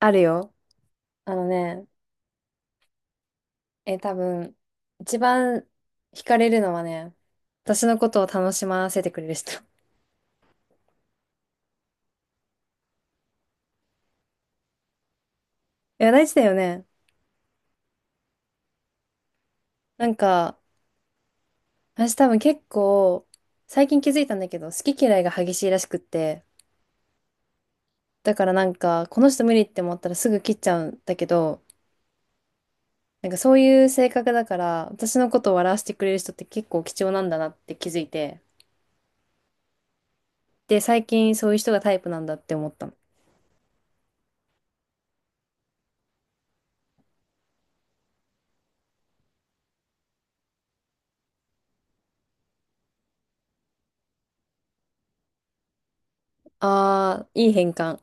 あるよ。あのね、多分、一番惹かれるのはね、私のことを楽しませてくれる人。いや、大事だよね。なんか、私多分結構、最近気づいたんだけど、好き嫌いが激しいらしくって、だからなんか、この人無理って思ったらすぐ切っちゃうんだけど、なんかそういう性格だから、私のことを笑わせてくれる人って結構貴重なんだなって気づいて、で、最近そういう人がタイプなんだって思ったの。あー、いい変換。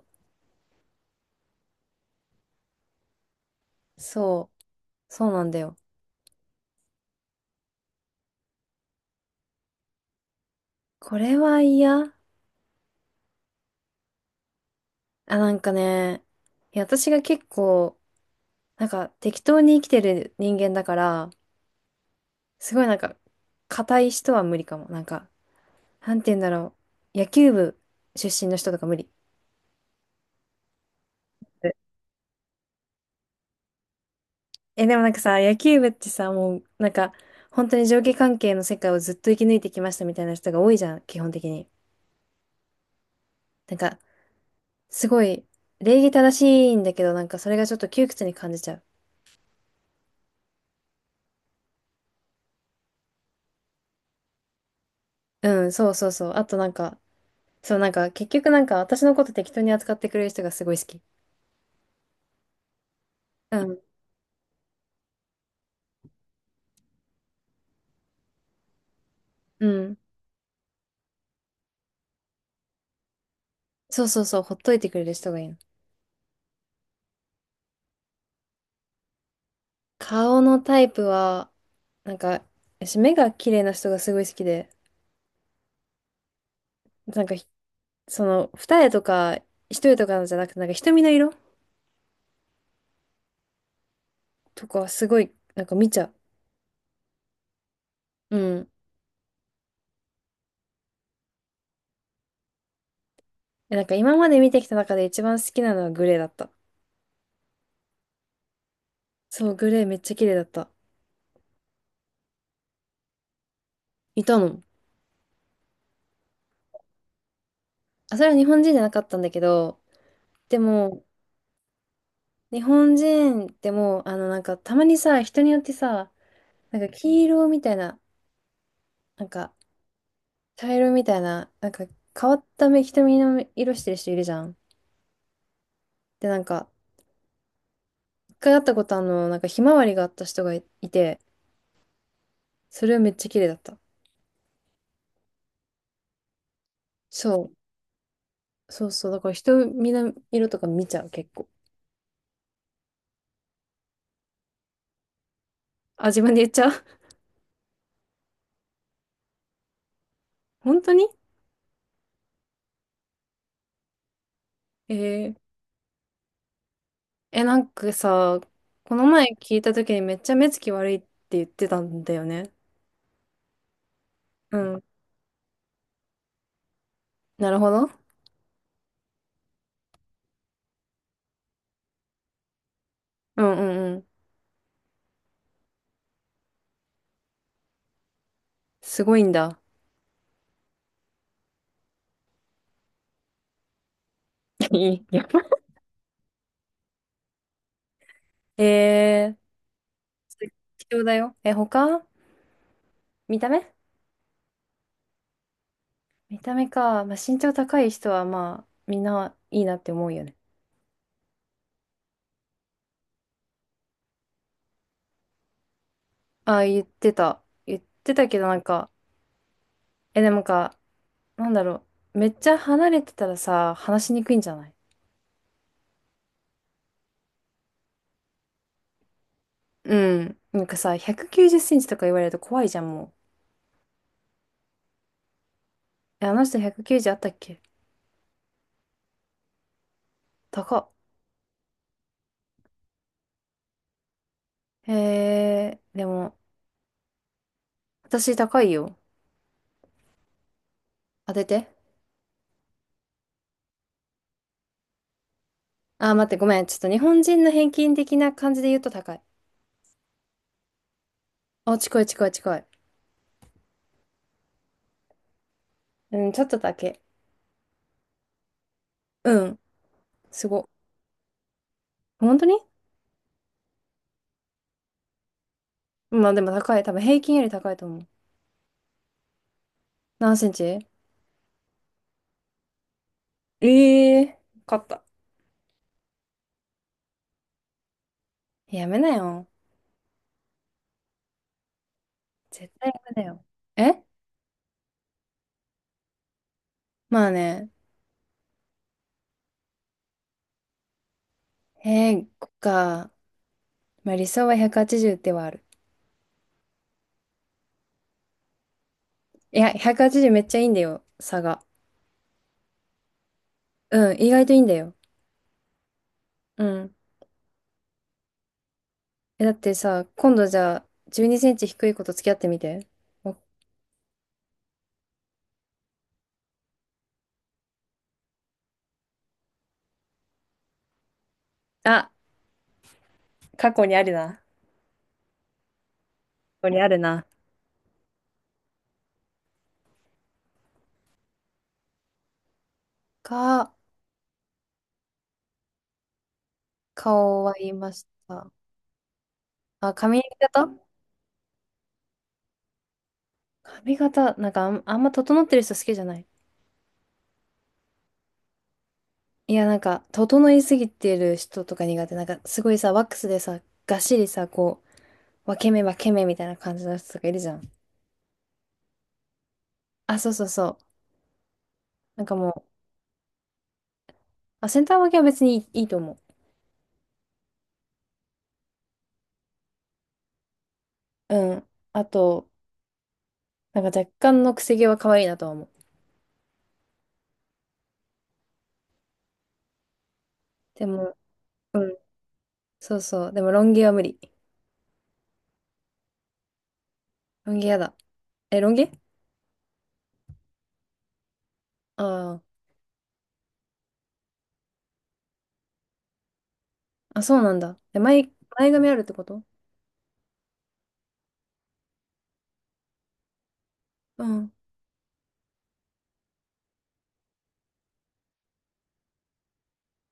そう、そうなんだよ。これは嫌。あ、なんかね、いや、私が結構、なんか適当に生きてる人間だから、すごいなんか、硬い人は無理かも。なんか、なんて言うんだろう。野球部出身の人とか無理。え、でもなんかさ、野球部ってさ、もう、なんか、本当に上下関係の世界をずっと生き抜いてきましたみたいな人が多いじゃん、基本的に。なんか、すごい、礼儀正しいんだけど、なんかそれがちょっと窮屈に感じちゃう。うん、そうそうそう。あとなんか、そう、なんか結局なんか私のこと適当に扱ってくれる人がすごい好き。うん。うん。そうそうそう、ほっといてくれる人がいいの。顔のタイプは、なんか、私目が綺麗な人がすごい好きで、なんかひ、その、二重とか一重とかのじゃなくて、なんか瞳の色とかはすごい、なんか見ちゃう。うん。え、なんか今まで見てきた中で一番好きなのはグレーだった。そう、グレーめっちゃ綺麗だった。いたの。あ、それは日本人じゃなかったんだけど、でも、日本人ってもう、あの、なんか、たまにさ、人によってさ、なんか、黄色みたいな、なんか、茶色みたいな、なんか、変わった目、瞳の色してる人いるじゃん。で、なんか、一回会ったことあるの、なんか、ひまわりがあった人がいいて、それはめっちゃ綺麗だった。そう、そうそう、だから、瞳の色とか見ちゃう、結構。あ、自分で言っちゃう？ 本当に？えー、え、なんかさ、この前聞いた時にめっちゃ目つき悪いって言ってたんだよね。うん。なるほど。うんうんうん。すごいんだ。いや、えー、貴重だよ。え、他？見た目？見た目か。まあ、身長高い人はまあ、みんないいなって思うよね。あ、言ってた。言ってたけどなんか、え、でもなんか、なんだろう。めっちゃ離れてたらさ、話しにくいんじゃない？うん。なんかさ、190センチとか言われると怖いじゃん、もう。え、あの人190あったっけ？高っ。えー、でも、私高いよ。当てて。あー、待って、ごめん。ちょっと日本人の平均的な感じで言うと高い。あ、近い近い近い。うん、ちょっとだけ。うん、すご。本当に？まあでも高い。多分平均より高いと思う。何センチ？え、えー、勝った。やめなよ。絶対やめなよ。え、まあね。えー、こっか。まあ理想は180ではある。いや、180めっちゃいいんだよ、差が。うん、意外といいんだよ。うん。え、だってさ、今度じゃあ、12センチ低い子と付き合ってみて。お、あ、過去にあるな。過去にあるな。が、顔は言いました。あ、髪型？髪型、なんかあんま整ってる人好きじゃない。いや、なんか、整いすぎてる人とか苦手。なんか、すごいさ、ワックスでさ、がっしりさ、こう、分け目分け目みたいな感じの人とかいるじゃん。あ、そうそうそう。なんかもう、あ、センター分けは別にいいと思う。うん。あと、なんか若干のくせ毛は可愛いなとは思う。でも、うん。そうそう。でも、ロン毛は無理。ロン毛やだ。え、ロン毛？ああー、あ、そうなんだ。え、前髪あるってこと？うん。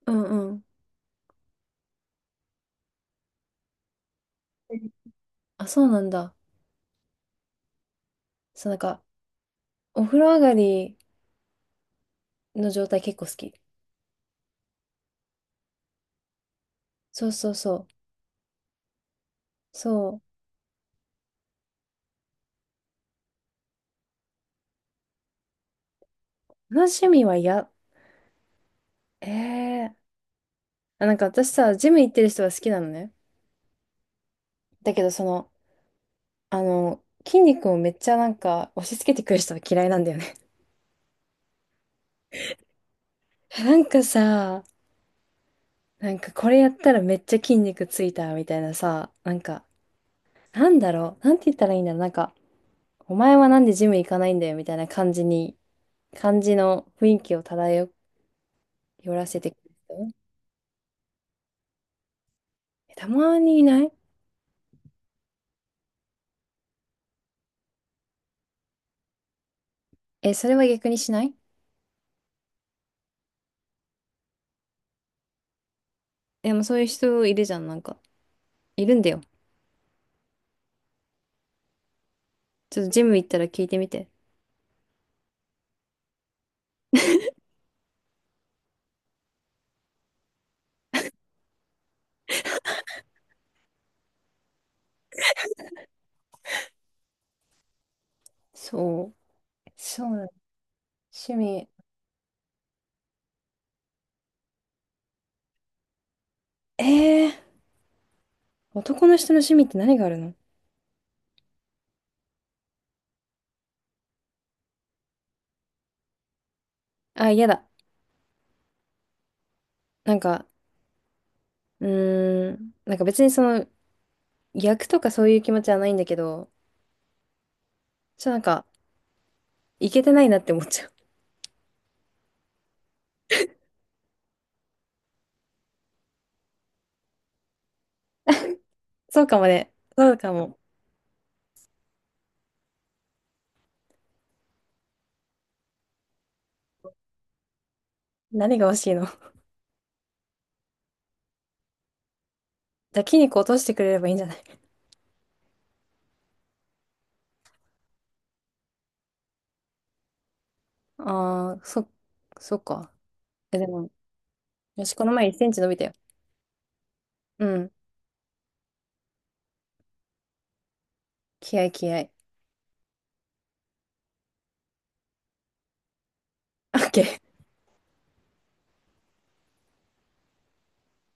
うんうん。あ、そうなんだ。そう、なんか、お風呂上がりの状態結構好き。そうそうそう。そう。同じ趣味はや、え、え、あ、なんか私さ、ジム行ってる人は好きなのね。だけど、その、あの、筋肉をめっちゃなんか押し付けてくる人は嫌いなんだよね。なんかさ、なんかこれやったらめっちゃ筋肉ついたみたいなさ、なんか、なんだろう、なんて言ったらいいんだろう、なんか、お前はなんでジム行かないんだよみたいな感じに、感じの雰囲気を漂らせてくる人。え、たまにいない？え、それは逆にしない？でもそういう人いるじゃん、なんか。いるんだよ。ちょっとジム行ったら聞いてみて。そう。そうなの。趣味。えー、男の人の趣味って何があるの？あ、嫌だ。なんか、うーん、なんか別にその、逆とかそういう気持ちはないんだけど、ちょっとなんか、いけてないなって思っちゃう。そうかもね。そうかも。何が欲しいの？じゃあ筋肉落としてくれればいいんじゃない？ああー、そ、そっか。え、でも、よし、この前1センチ伸びたよ。うん。気合い気合い。OK。